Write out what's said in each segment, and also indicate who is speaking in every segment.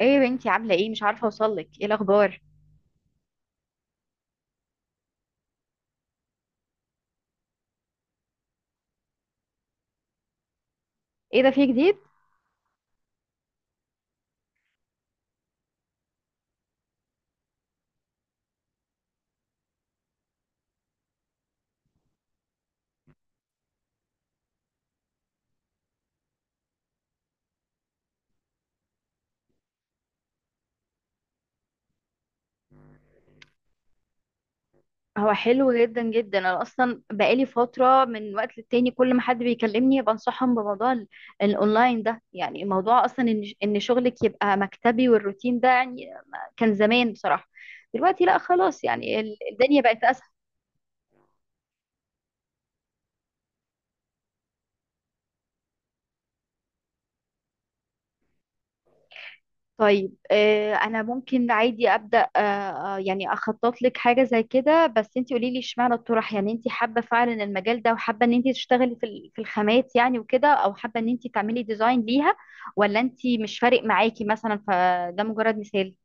Speaker 1: ايه يا بنتي، عامله ايه؟ مش عارفه اوصلك، ايه الاخبار؟ ايه ده، في جديد؟ هو حلو جدا جدا. انا اصلا بقالي فتره من وقت للتاني كل ما حد بيكلمني بنصحهم بموضوع الاونلاين ده. يعني موضوع اصلا ان شغلك يبقى مكتبي والروتين ده يعني كان زمان بصراحه. دلوقتي لا خلاص، يعني الدنيا بقت اسهل. طيب انا ممكن عادي ابدا يعني اخطط لك حاجه زي كده، بس انت قولي لي اشمعنى الطرح؟ يعني انت حابه فعلا المجال ده وحابه ان انت تشتغلي في الخامات يعني وكده، او حابه ان انت تعملي ديزاين ليها، ولا انت مش فارق معاكي مثلا؟ فده مجرد مثال.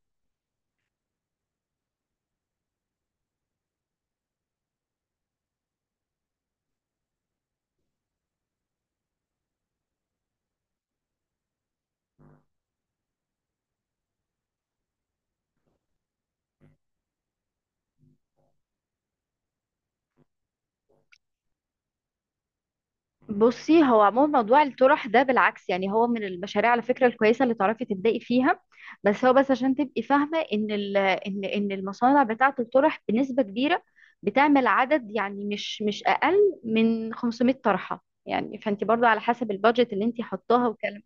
Speaker 1: بصي، هو عموما موضوع الطرح ده بالعكس، يعني هو من المشاريع على فكرة الكويسة اللي تعرفي تبدأي فيها. بس هو بس عشان تبقي فاهمة ان ان المصانع بتاعة الطرح بنسبة كبيرة بتعمل عدد، يعني مش اقل من 500 طرحة يعني. فانت برضو على حسب البادجت اللي انت حطاها وكلام.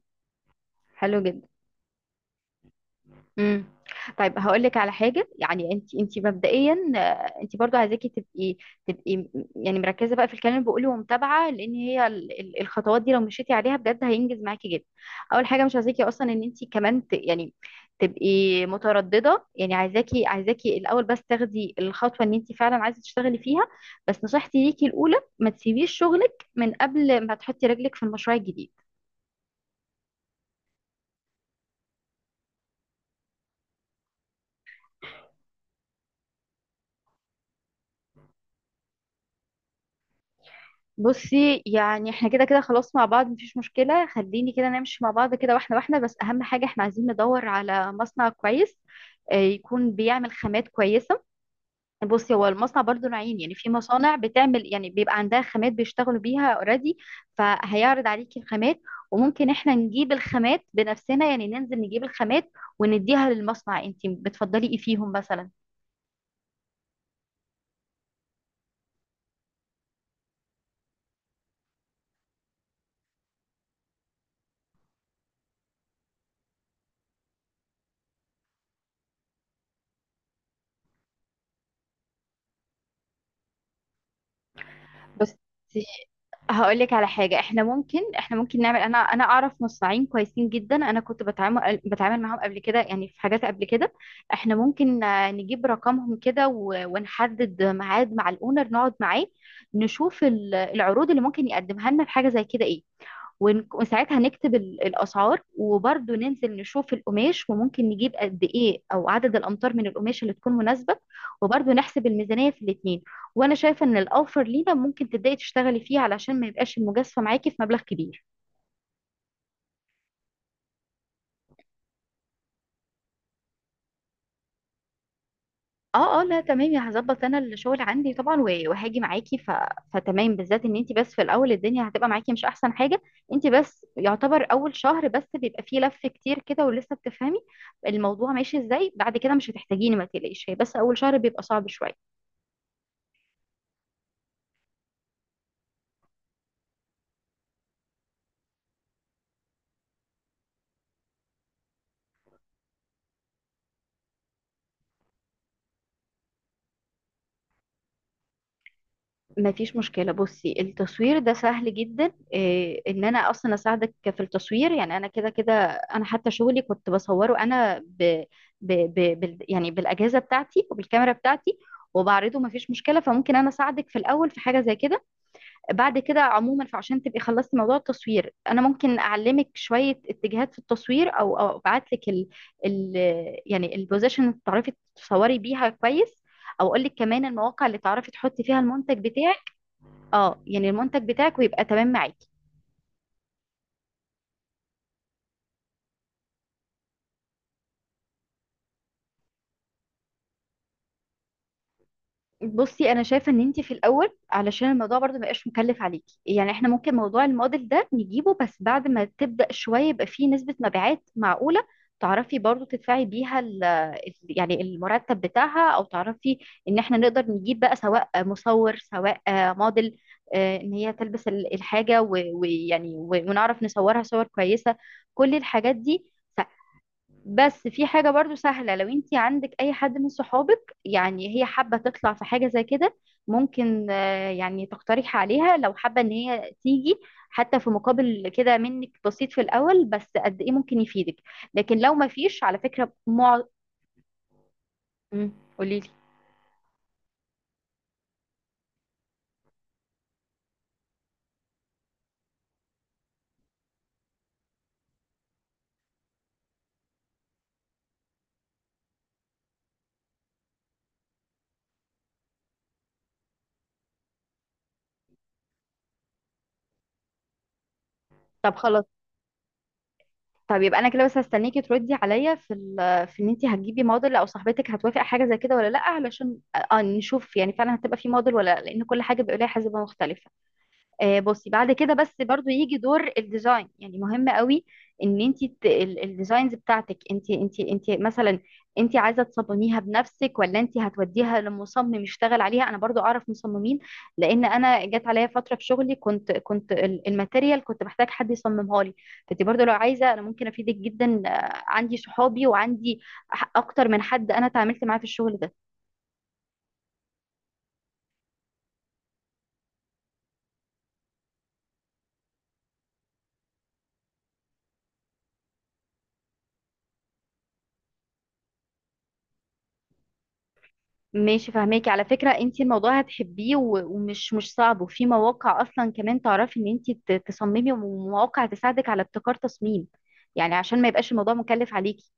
Speaker 1: حلو جدا. امم طيب هقول لك على حاجه. يعني انت مبدئيا انت برضو عايزاكي تبقي م- يعني مركزه بقى في الكلام اللي بقوله ومتابعه، لان هي الخطوات دي لو مشيتي عليها بجد هينجز معاكي جدا. اول حاجه مش عايزاكي اصلا ان انت كمان ت يعني تبقي متردده. يعني عايزاكي الاول بس تاخدي الخطوه ان انت فعلا عايزه تشتغلي فيها. بس نصيحتي ليكي الاولى ما تسيبيش شغلك من قبل ما تحطي رجلك في المشروع الجديد. بصي يعني احنا كده كده خلاص مع بعض، مفيش مشكلة. خليني كده نمشي مع بعض كده، واحنا بس أهم حاجة احنا عايزين ندور على مصنع كويس، يكون بيعمل خامات كويسة. بصي هو المصنع برضو نوعين، يعني في مصانع بتعمل، يعني بيبقى عندها خامات بيشتغلوا بيها اوريدي، فهيعرض عليكي الخامات. وممكن احنا نجيب الخامات بنفسنا، يعني ننزل نجيب الخامات ونديها للمصنع. انتي بتفضلي ايه فيهم مثلا؟ بصي هقول لك على حاجة. احنا ممكن نعمل انا اعرف مصنعين كويسين جدا، انا كنت بتعامل معاهم قبل كده يعني في حاجات قبل كده. احنا ممكن نجيب رقمهم كده ونحدد ميعاد مع الاونر نقعد معاه، نشوف العروض اللي ممكن يقدمها لنا في حاجة زي كده، ايه وساعتها نكتب الأسعار. وبرضه ننزل نشوف القماش، وممكن نجيب قد إيه أو عدد الأمتار من القماش اللي تكون مناسبة، وبرضه نحسب الميزانية في الاتنين. وأنا شايفة إن الأوفر لينا ممكن تبدأي تشتغلي فيه علشان ما يبقاش المجازفة معاكي في مبلغ كبير. اه اه، لا تمام يا هظبط. انا الشغل عندي طبعا وهاجي معاكي فتمام. بالذات ان انت بس في الاول الدنيا هتبقى معاكي مش احسن حاجه. انت بس يعتبر اول شهر بس بيبقى فيه لف كتير كده ولسه بتفهمي الموضوع ماشي ازاي. بعد كده مش هتحتاجيني، ما تقلقيش، هي بس اول شهر بيبقى صعب شويه. ما فيش مشكلة. بصي التصوير ده سهل جدا، إيه ان انا اصلا اساعدك في التصوير. يعني انا كده كده، انا حتى شغلي كنت بصوره انا ب ب ب بال يعني بالاجهزة بتاعتي وبالكاميرا بتاعتي وبعرضه، ما فيش مشكلة. فممكن انا اساعدك في الاول في حاجة زي كده. بعد كده عموما، فعشان تبقي خلصتي موضوع التصوير، انا ممكن اعلمك شوية اتجاهات في التصوير او ابعت لك ال ال يعني البوزيشن اللي تعرفي تصوري بيها كويس، او اقول لك كمان المواقع اللي تعرفي تحطي فيها المنتج بتاعك، اه يعني المنتج بتاعك ويبقى تمام معاكي. بصي انا شايفه ان انت في الاول، علشان الموضوع برضو ما يبقاش مكلف عليكي، يعني احنا ممكن موضوع الموديل ده نجيبه بس بعد ما تبدا شويه يبقى فيه نسبه مبيعات معقوله تعرفي برضو تدفعي بيها يعني المرتب بتاعها، او تعرفي ان احنا نقدر نجيب بقى سواء مصور سواء موديل، ان هي تلبس الحاجه ونعرف نصورها صور كويسه، كل الحاجات دي. بس في حاجة برضو سهلة، لو انت عندك اي حد من صحابك يعني هي حابة تطلع في حاجة زي كده، ممكن يعني تقترح عليها لو حابة ان هي تيجي حتى في مقابل كده منك بسيط في الاول، بس قد ايه ممكن يفيدك. لكن لو ما فيش على فكرة مم، قوليلي. طب خلاص. طب يبقى انا كده بس هستنيكي تردي عليا في في ان انت هتجيبي موديل او صاحبتك هتوافق حاجة زي كده ولا لا، علشان نشوف يعني فعلا هتبقى في موديل ولا لا، لان كل حاجة بيبقى لها حسبة مختلفة. بصي بعد كده بس برضو يجي دور الديزاين، يعني مهم قوي. ان انت الديزاينز بتاعتك انت مثلا، انت عايزه تصمميها بنفسك، ولا انت هتوديها لمصمم يشتغل عليها؟ انا برضو اعرف مصممين، لان انا جت عليا فتره في شغلي كنت الماتيريال كنت محتاج حد يصممها لي. فانت برضو لو عايزه، انا ممكن افيدك جدا، عندي صحابي وعندي اكتر من حد انا تعاملت معاه في الشغل ده. ماشي، فهماكي على فكرة انت الموضوع هتحبيه ومش مش صعب، وفي مواقع اصلا كمان تعرفي ان انت تصممي ومواقع تساعدك على ابتكار تصميم، يعني عشان ما يبقاش الموضوع مكلف عليكي.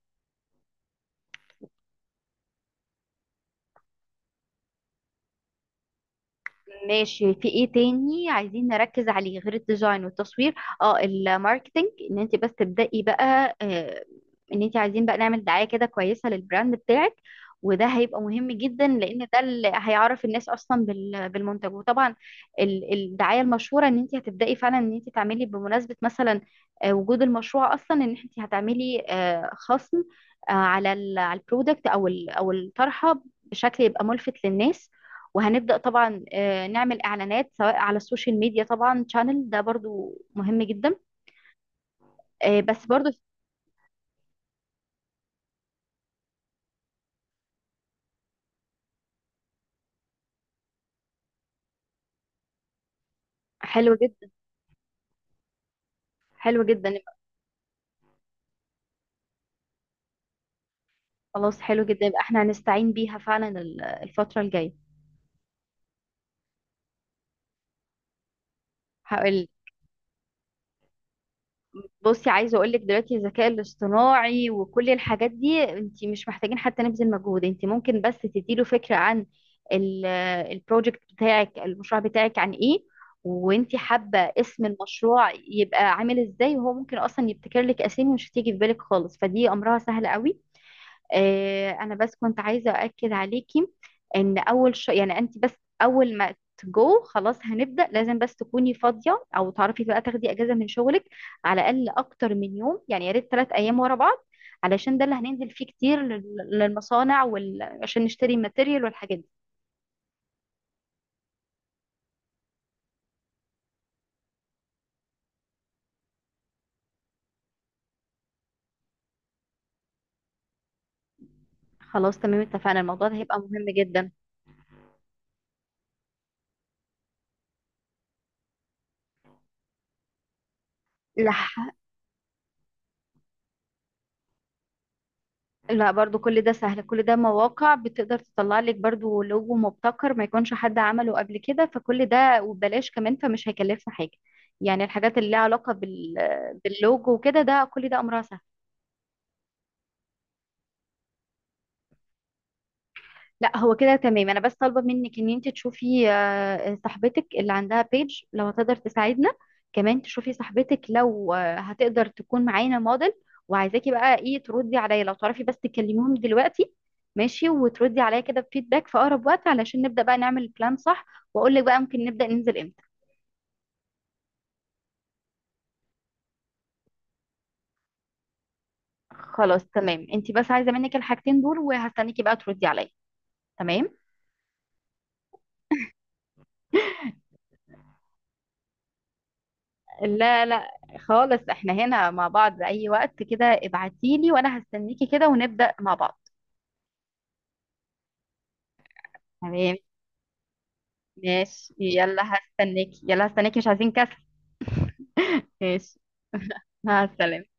Speaker 1: ماشي، في ايه تاني عايزين نركز عليه غير الديزاين والتصوير؟ اه الماركتينج، ان انت بس تبدأي بقى، ان انت عايزين بقى نعمل دعاية كده كويسة للبراند بتاعك. وده هيبقى مهم جدا لان ده اللي هيعرف الناس اصلا بالمنتج. وطبعا الدعاية المشهورة ان انت هتبدأي فعلا ان انت تعملي بمناسبة مثلا وجود المشروع اصلا، ان انت هتعملي خصم على على البرودكت او الطرحة بشكل يبقى ملفت للناس. وهنبدأ طبعا نعمل اعلانات سواء على السوشيال ميديا، طبعا شانل ده برضو مهم جدا. آه، بس برضو حلو جدا. حلو جدا يبقى. خلاص حلو جدا يبقى احنا هنستعين بيها فعلا الفترة الجاية. بصي عايزه اقول لك دلوقتي الذكاء الاصطناعي وكل الحاجات دي انت مش محتاجين حتى نبذل مجهود. انت ممكن بس تديله فكره عن البروجكت بتاعك، المشروع بتاعك عن ايه، وانت حابه اسم المشروع يبقى عامل ازاي، وهو ممكن اصلا يبتكر لك اسامي مش هتيجي في بالك خالص، فدي امرها سهل قوي. انا بس كنت عايزه اؤكد عليكي ان يعني انت بس اول ما تجو خلاص هنبدا، لازم بس تكوني فاضيه او تعرفي بقى تاخدي اجازه من شغلك على الاقل اكتر من يوم. يعني يا ريت 3 ايام ورا بعض، علشان ده اللي هننزل فيه كتير للمصانع عشان نشتري ماتيريال والحاجات دي. خلاص تمام، اتفقنا، الموضوع ده هيبقى مهم جدا. لح... لا برضو كل ده سهل، كل ده مواقع بتقدر تطلع لك برضو لوجو مبتكر ما يكونش حد عمله قبل كده، فكل ده وببلاش كمان، فمش هيكلفنا حاجة. يعني الحاجات اللي لها علاقة باللوجو وكده، ده كل ده أمرها سهل. لا هو كده تمام، انا بس طالبه منك ان انت تشوفي صاحبتك اللي عندها بيج لو هتقدر تساعدنا، كمان تشوفي صاحبتك لو هتقدر تكون معانا موديل. وعايزاكي بقى ايه تردي عليا، لو تعرفي بس تكلميهم دلوقتي، ماشي، وتردي عليا كده بفيدباك في اقرب وقت علشان نبدا بقى نعمل البلان صح، واقول لك بقى ممكن نبدا ننزل امتى. خلاص تمام، انت بس عايزه منك الحاجتين دول وهستنيكي بقى تردي عليا. تمام. لا لا خالص، احنا هنا مع بعض اي وقت كده، ابعتيلي وانا هستنيكي كده ونبدأ مع بعض. تمام. ماشي يلا، هستنيكي. يلا هستنيكي، مش عايزين كسل. ماشي. مع السلامة.